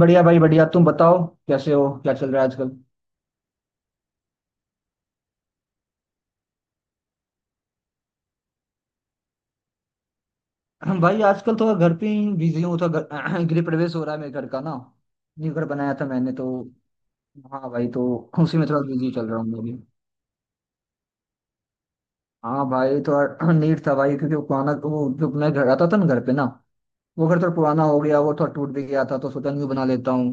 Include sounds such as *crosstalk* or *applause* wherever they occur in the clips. बढ़िया भाई बढ़िया, तुम बताओ कैसे हो, क्या चल रहा है आजकल? *clears throat* भाई आजकल थोड़ा घर पे ही बिजी हूँ तो घर *clears throat* गृह प्रवेश हो रहा है मेरे घर का ना। न्यू घर बनाया था मैंने तो। हाँ भाई, तो उसी में थोड़ा बिजी चल रहा हूँ मैं भी। हाँ भाई थोड़ा *clears throat* नीड था भाई, क्योंकि वो पुराना, वो जो मैं घर आता था ना, घर पे ना, वो घर थोड़ा पुराना हो गया, वो थोड़ा टूट भी गया था तो सोचा न्यू बना लेता हूँ।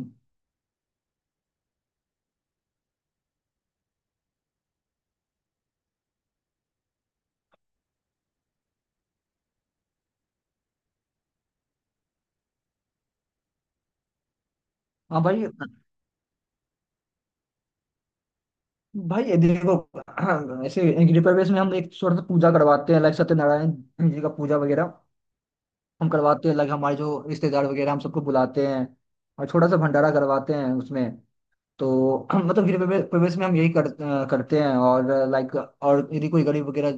हाँ भाई। भाई ये देखो *clears throat* ऐसे गृह प्रवेश में हम एक थोड़ा सा पूजा करवाते हैं, लाइक सत्यनारायण जी का पूजा वगैरह हम करवाते हैं। लाइक हमारे जो रिश्तेदार वगैरह हम सबको बुलाते हैं और छोटा सा भंडारा करवाते हैं उसमें। तो *clears throat* मतलब प्रवेश में हम यही करते हैं। और लाइक और यदि कोई गरीब वगैरह,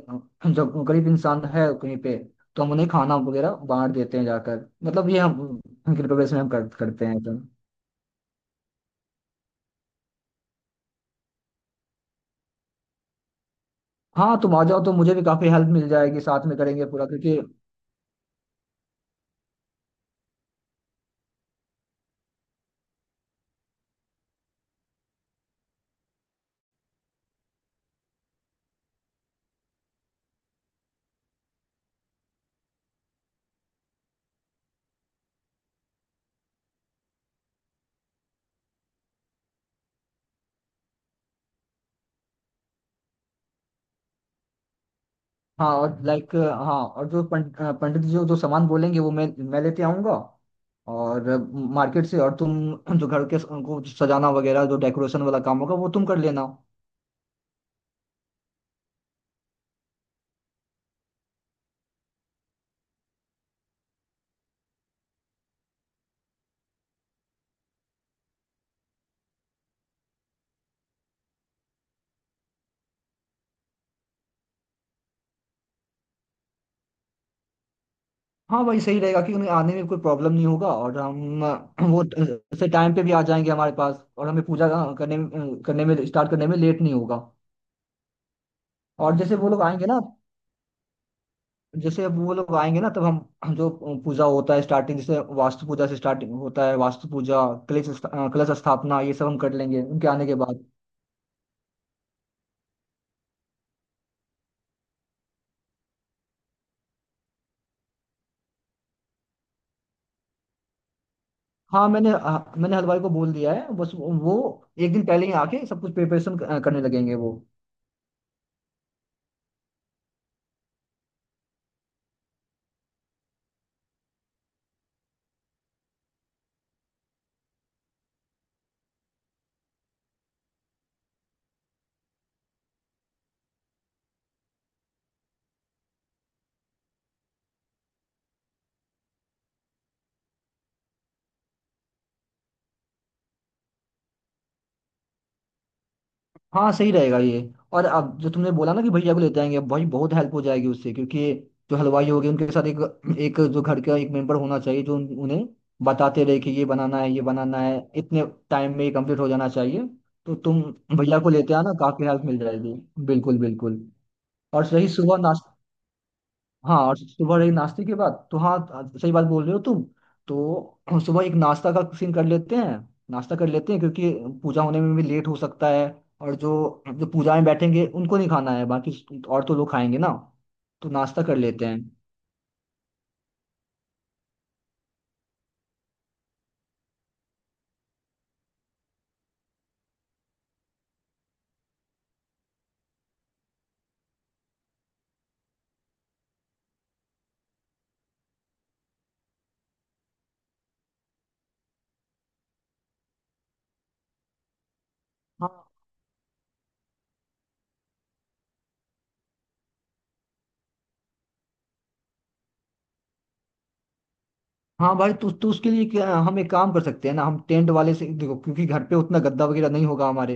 जब गरीब इंसान है कहीं पे, तो हम उन्हें खाना वगैरह बांट देते हैं जाकर, मतलब ये हम गृह प्रवेश में हम करते हैं तो। हाँ तुम आ जाओ तो मुझे भी काफी हेल्प मिल जाएगी, साथ में करेंगे पूरा क्योंकि। हाँ और लाइक हाँ, और जो पंडित जी जो सामान बोलेंगे वो मैं लेते आऊँगा। और मार्केट से। और तुम जो घर के उनको सजाना वगैरह, जो डेकोरेशन वाला काम होगा वो तुम कर लेना। हाँ वही सही रहेगा कि उन्हें आने में कोई प्रॉब्लम नहीं होगा, और हम वो से टाइम पे भी आ जाएंगे हमारे पास, और हमें पूजा करने में स्टार्ट करने में लेट नहीं होगा। और जैसे वो लोग आएंगे ना, जैसे अब वो लोग आएंगे ना, तब हम जो पूजा होता है स्टार्टिंग, जैसे वास्तु पूजा से स्टार्टिंग होता है, वास्तु पूजा, कलश स्थापना, ये सब हम कर लेंगे उनके आने के बाद। हाँ, मैंने हलवाई को बोल दिया है, बस वो एक दिन पहले ही आके सब कुछ प्रिपरेशन करने लगेंगे वो। हाँ सही रहेगा ये। और अब जो तुमने बोला ना कि भैया को लेते आएंगे, अब भाई बहुत हेल्प हो जाएगी उससे, क्योंकि जो हलवाई हो गए उनके साथ एक एक जो घर का एक मेंबर होना चाहिए, जो उन्हें बताते रहे कि ये बनाना है, ये बनाना है, इतने टाइम में ये कंप्लीट हो जाना चाहिए। तो तुम भैया को लेते आना, काफी हेल्प मिल जाएगी। बिल्कुल बिल्कुल। और सही सुबह नाश्ता। हाँ और सुबह एक नाश्ते के बाद तो हाँ, सही बात बोल रहे हो तुम। तो *clears throat* सुबह एक नाश्ता का सीन कर लेते हैं, नाश्ता कर लेते हैं, क्योंकि पूजा होने में भी लेट हो सकता है, और जो जो पूजा में बैठेंगे उनको नहीं खाना है, बाकी और तो लोग खाएंगे ना। तो नाश्ता कर लेते हैं। हाँ। हाँ भाई तो उसके लिए क्या हम एक काम कर सकते हैं ना, हम टेंट वाले से, देखो क्योंकि घर पे उतना गद्दा वगैरह नहीं होगा हमारे,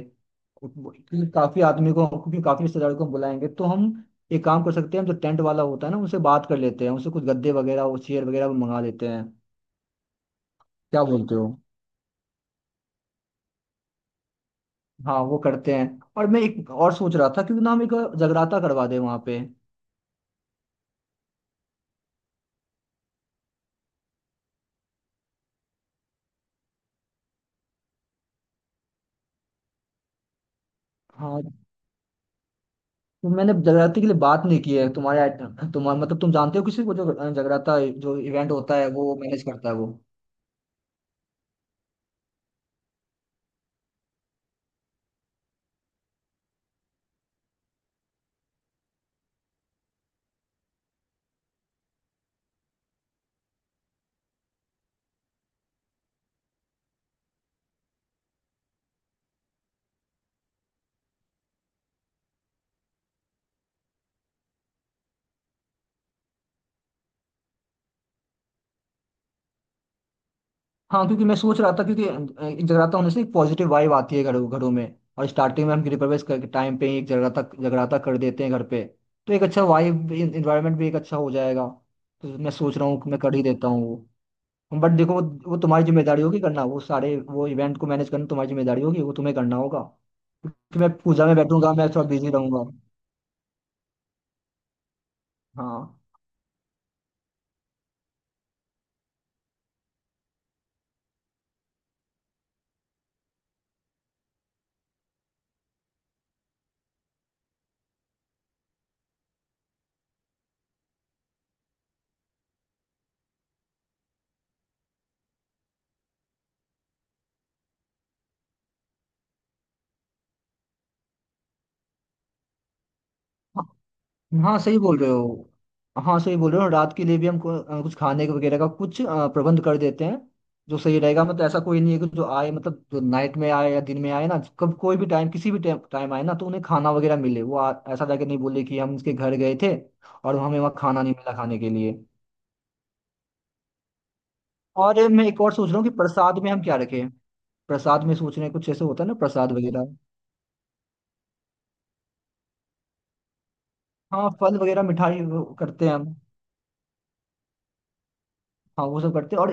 क्योंकि काफी आदमी को, क्योंकि काफी रिश्तेदारों को हम बुलाएंगे, तो हम एक काम कर सकते हैं, हम जो टेंट वाला होता है ना उनसे बात कर लेते हैं, उनसे कुछ गद्दे वगैरह और चेयर वगैरह भी मंगा लेते हैं। क्या बोलते हो? हाँ वो करते हैं। और मैं एक और सोच रहा था क्योंकि ना, हम एक जगराता करवा दें वहाँ पे। हाँ, तो मैंने जगराते के लिए बात नहीं की है। तुम्हारे तुम्हारा मतलब, तुम जानते हो किसी को जो जगराता, जो इवेंट होता है वो मैनेज करता है वो? हाँ, क्योंकि मैं सोच रहा था, क्योंकि एक जगराता होने से एक पॉजिटिव वाइब आती है घरों घरों में। और स्टार्टिंग में हम गृह प्रवेश करके टाइम पे ही एक जगराता जगराता कर देते हैं घर पे, तो एक अच्छा वाइब इन्वायरमेंट भी एक अच्छा हो जाएगा। तो मैं सोच रहा हूँ कि मैं कर ही देता हूँ वो, बट देखो वो तुम्हारी जिम्मेदारी होगी करना, वो सारे वो इवेंट को मैनेज करना तुम्हारी जिम्मेदारी होगी, वो तुम्हें करना होगा। क्योंकि मैं पूजा में बैठूंगा, मैं थोड़ा बिजी रहूंगा। हाँ हाँ, सही बोल रहे हो हाँ सही बोल रहे हो, रात के लिए भी हम कुछ खाने के वगैरह का कुछ प्रबंध कर देते हैं, जो सही रहेगा। मतलब ऐसा कोई नहीं है कि जो आए, मतलब जो नाइट में आए या दिन में आए ना, कब कोई भी टाइम, किसी भी टाइम आए ना, तो उन्हें खाना वगैरह मिले, वो ऐसा जाके नहीं बोले कि हम उसके घर गए थे और हमें वहाँ खाना नहीं मिला खाने के लिए। और मैं एक और सोच रहा हूँ कि प्रसाद में हम क्या रखें? प्रसाद में सोच रहे हैं, कुछ ऐसे होता है ना प्रसाद वगैरह। हाँ, फल वगैरह, मिठाई, वो करते हैं हम। हाँ वो सब करते हैं। और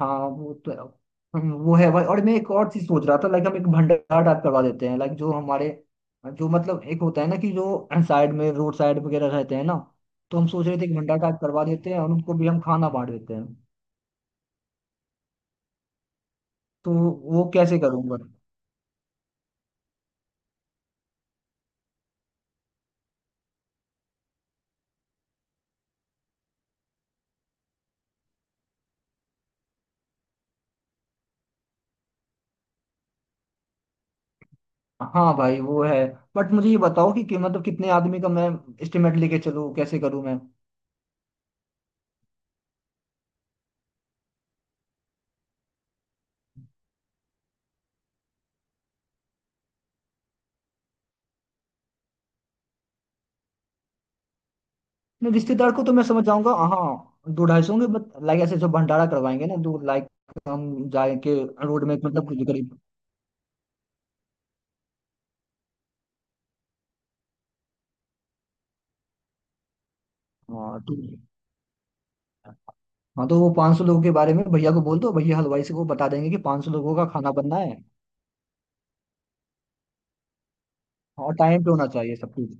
हाँ, वो तो है। वो है भाई। और मैं एक और चीज सोच रहा था, लाइक हम एक भंडारा टाइप करवा देते हैं, लाइक जो हमारे, जो मतलब एक होता है ना कि जो साइड में रोड साइड वगैरह रहते हैं ना, तो हम सोच रहे थे एक भंडारा टाइप करवा देते हैं और उनको भी हम खाना बांट देते हैं। तो वो कैसे करूँगा? हाँ भाई वो है, बट मुझे ये बताओ कि मतलब कितने आदमी का मैं एस्टिमेट लेके चलूँ, कैसे करूँ मैं? नहीं, रिश्तेदार को तो मैं समझ जाऊंगा, हाँ दो ढाई सौ होंगे, बट लाइक ऐसे जो भंडारा करवाएंगे ना, जो लाइक हम जाए के रोड में, मतलब कुछ गरीब। हाँ तो, हाँ तो वो 500 लोगों के बारे में भैया को बोल दो, भैया हलवाई से को बता देंगे कि 500 लोगों का खाना बनना है, और टाइम पे होना चाहिए सब कुछ।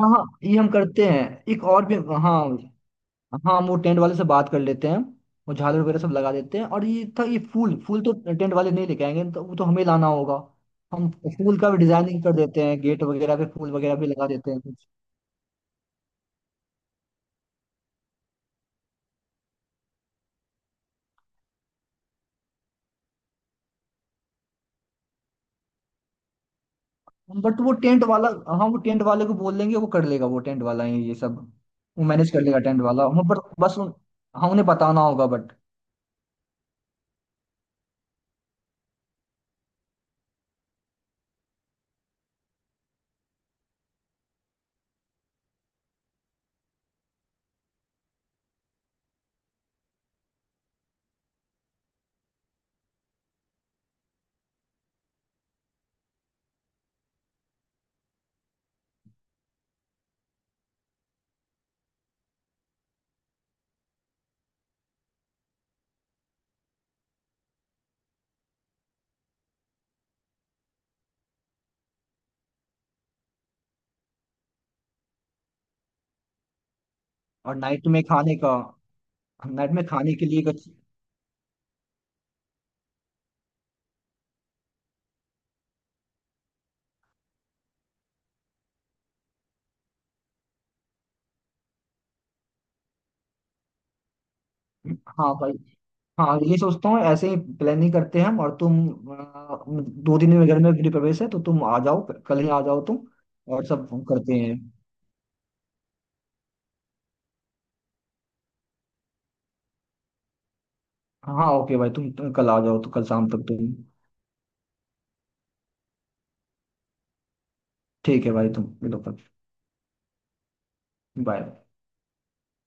हाँ हाँ, ये हम करते हैं। एक और भी हाँ। हाँ, हम वो टेंट वाले से बात कर लेते हैं, वो झालर वगैरह सब लगा देते हैं। और ये था ये फूल, फूल तो टेंट वाले नहीं लेके आएंगे तो वो तो हमें लाना होगा। हम फूल का भी डिजाइनिंग कर देते हैं, गेट वगैरह पे फूल वगैरह भी लगा देते हैं कुछ। बट वो टेंट वाला, हाँ वो टेंट वाले को बोल देंगे, वो कर लेगा, वो टेंट वाला ही ये सब वो मैनेज कर लेगा, टेंट वाला, हम पर बस हाँ उन्हें बताना होगा बट। और नाइट में खाने का। नाइट में खाने के लिए कुछ। हाँ भाई। हाँ, ये सोचता हूँ ऐसे ही प्लानिंग करते हैं हम और तुम 2 दिन में घर में गृह प्रवेश है, तो तुम आ जाओ, कल ही आ जाओ तुम, और सब करते हैं। हाँ ओके भाई, तुम कल आ जाओ तो कल शाम तक तुम। ठीक है भाई, तुम मिलो कल। बाय।